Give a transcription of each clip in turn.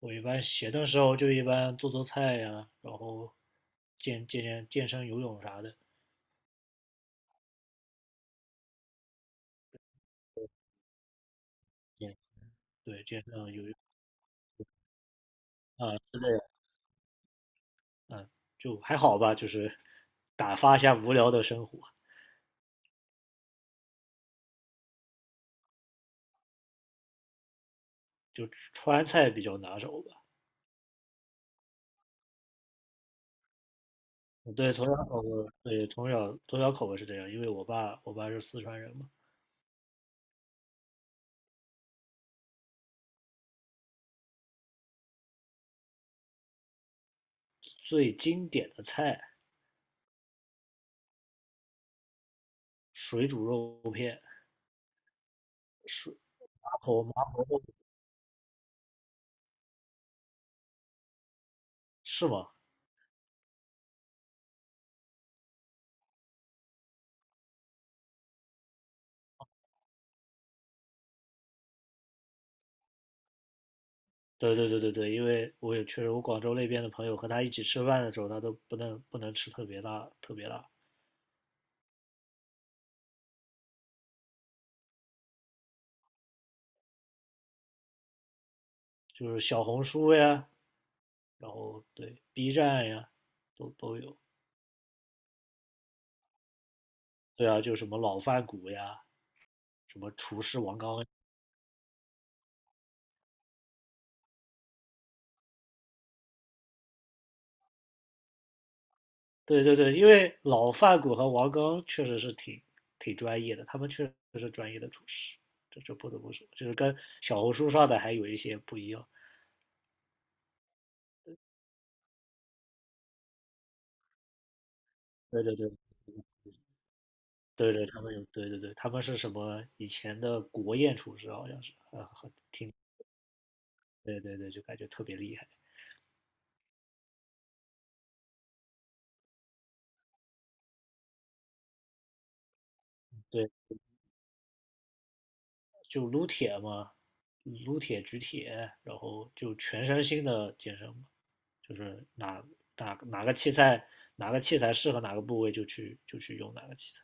我一般闲的时候就一般做做菜呀，然后健身、游泳啥的。健对，健身、游泳啊之类的，就还好吧，就是打发一下无聊的生活。就川菜比较拿手吧。嗯对，从小口味，对，从小口味是这样，因为我爸是四川人嘛。最经典的菜，水煮肉片，水麻婆豆腐。是吗？对对对对对，因为我也确实，我广州那边的朋友和他一起吃饭的时候，他都不能吃特别辣，特别辣，就是小红书呀，然后对 B 站呀，都有。对啊，就什么老饭骨呀，什么厨师王刚。对对对，因为老饭骨和王刚确实是挺专业的，他们确实是专业的厨师，这不得不说，就是跟小红书上的还有一些不一样。对对对，对对，他们有，对对对，他们是什么以前的国宴厨师好像是。对对对，就感觉特别厉害。对，就撸铁嘛，撸铁、举铁，然后就全身心的健身嘛，就是哪哪个器材哪个器材适合哪个部位就去用哪个器材，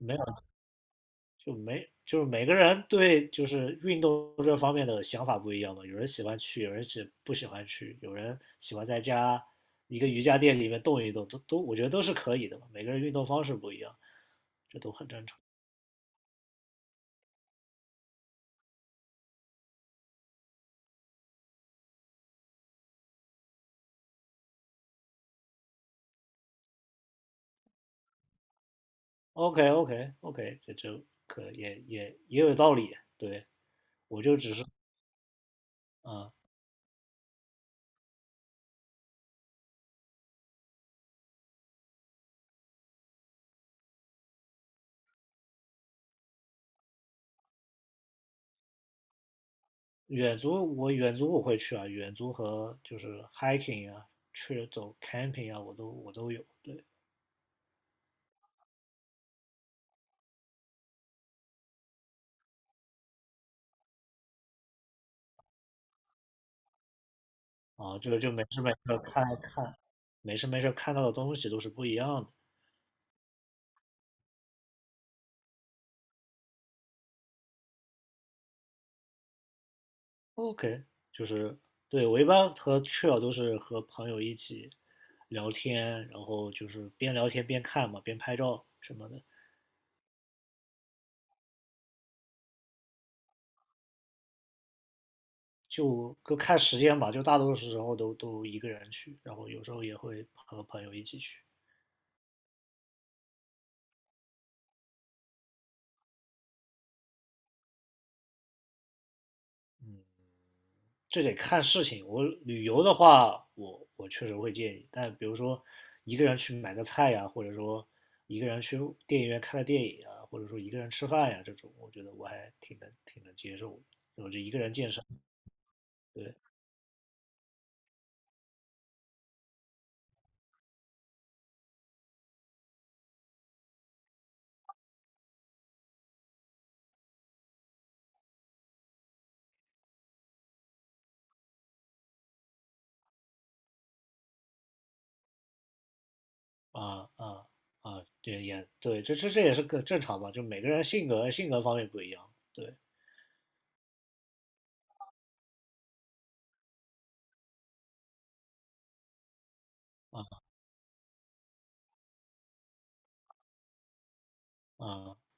没有就没就是每个人对就是运动这方面的想法不一样嘛，有人喜欢去，有人喜不喜欢去，有人喜欢在家一个瑜伽垫里面动一动，都我觉得都是可以的嘛，每个人运动方式不一样，这都很正常。OK， OK， OK，这可也有道理。对，我就只是啊，远足我会去啊，远足和就是 hiking 啊，去走 camping 啊，我都有。对啊，这个就没事没事看看，没事没事看到的东西都是不一样的。OK，就是对我一般和去了都是和朋友一起聊天，然后就是边聊天边看嘛，边拍照什么的。就看时间吧，就大多数时候都一个人去，然后有时候也会和朋友一起去，这得看事情。我旅游的话，我确实会建议，但比如说一个人去买个菜呀，或者说一个人去电影院看个电影啊，或者说一个人吃饭呀，这种我觉得我还挺能接受的我就一个人健身，对啊啊啊，对也对，这也是个正常吧，就每个人性格方面不一样，对啊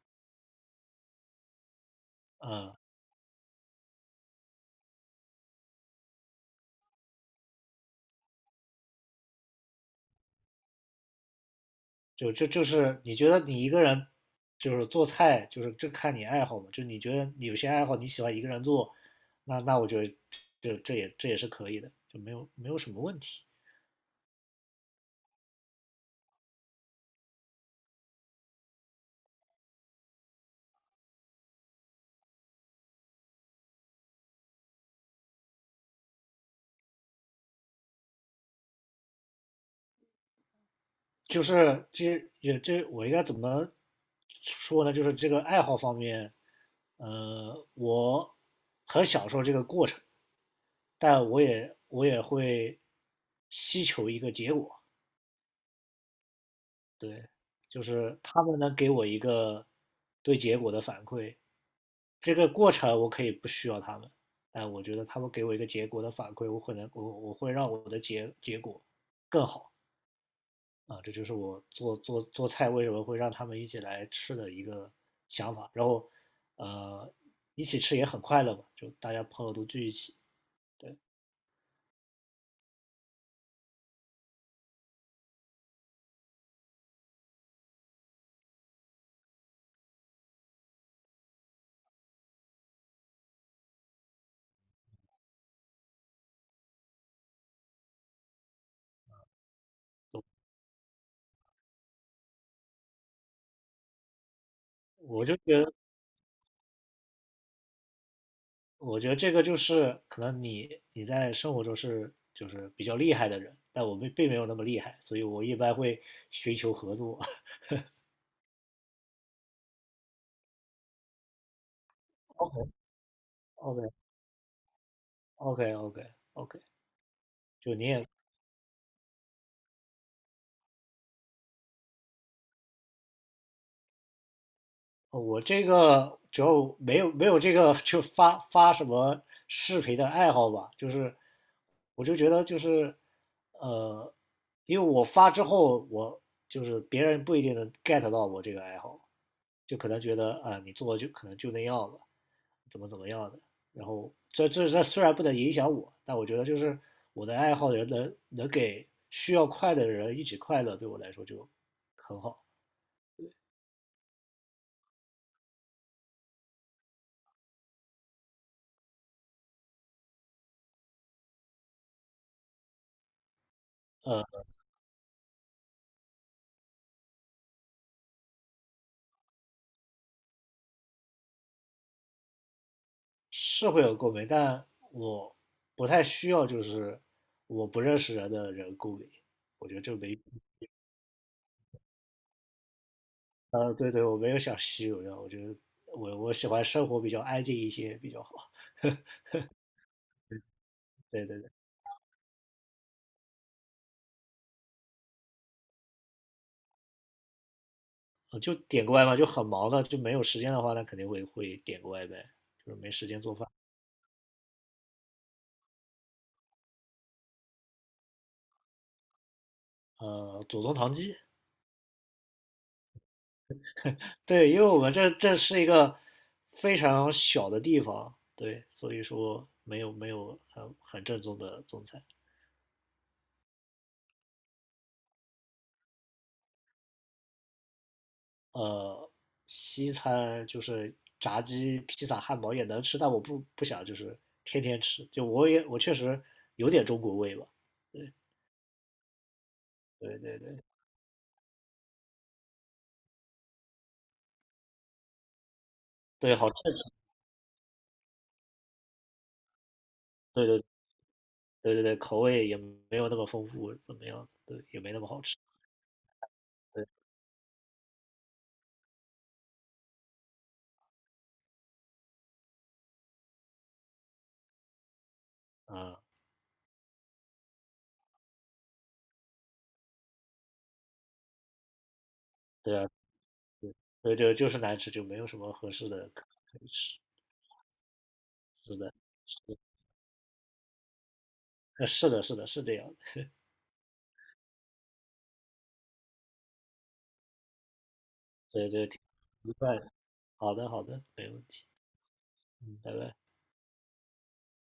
啊。就这就是你觉得你一个人就是做菜，就是这看你爱好嘛。就你觉得你有些爱好你喜欢一个人做，那我觉得这也是可以的，就没有什么问题。就是这也这我应该怎么说呢？就是这个爱好方面，我很享受这个过程，但我也会希求一个结果。对，就是他们能给我一个对结果的反馈，这个过程我可以不需要他们，但我觉得他们给我一个结果的反馈，我可能我会让我的结果更好啊，这就是我做菜为什么会让他们一起来吃的一个想法。然后，呃，一起吃也很快乐嘛，就大家朋友都聚一起，我就觉得我觉得这个就是可能你在生活中是就是比较厉害的人，但我并没有那么厉害，所以我一般会寻求合作。OK， OK， OK， OK， OK。就你也，我这个主要没有这个就发发什么视频的爱好吧，就是我就觉得就是呃，因为我发之后，我就是别人不一定能 get 到我这个爱好，就可能觉得啊、你做就可能就那样了，怎么样的。然后这虽然不能影响我，但我觉得就是我的爱好人能给需要快乐的人一起快乐，对我来说就很好。呃，是会有共鸣，但我不太需要，就是我不认识人的人共鸣，我觉得这没，对对，我没有想吸引人，我觉得我喜欢生活比较安静一些比较好，对对对，就点个外卖，就很忙的，就没有时间的话，那肯定会点个外卖，就是没时间做饭，祖宗堂鸡，对，因为我们这是一个非常小的地方，对，所以说没有很正宗的中餐。呃，西餐就是炸鸡、披萨、汉堡也能吃，但我不想就是天天吃，就我也我确实有点中国味吧，对对对对对，好吃，对对对对对，口味也没有那么丰富，怎么样？对，也没那么好吃，对啊，对啊，对对，就是难吃，就没有什么合适的可以吃，是的，是的，是的，是这样的，对对，挺愉快的，好的好的，没问题，嗯，拜拜。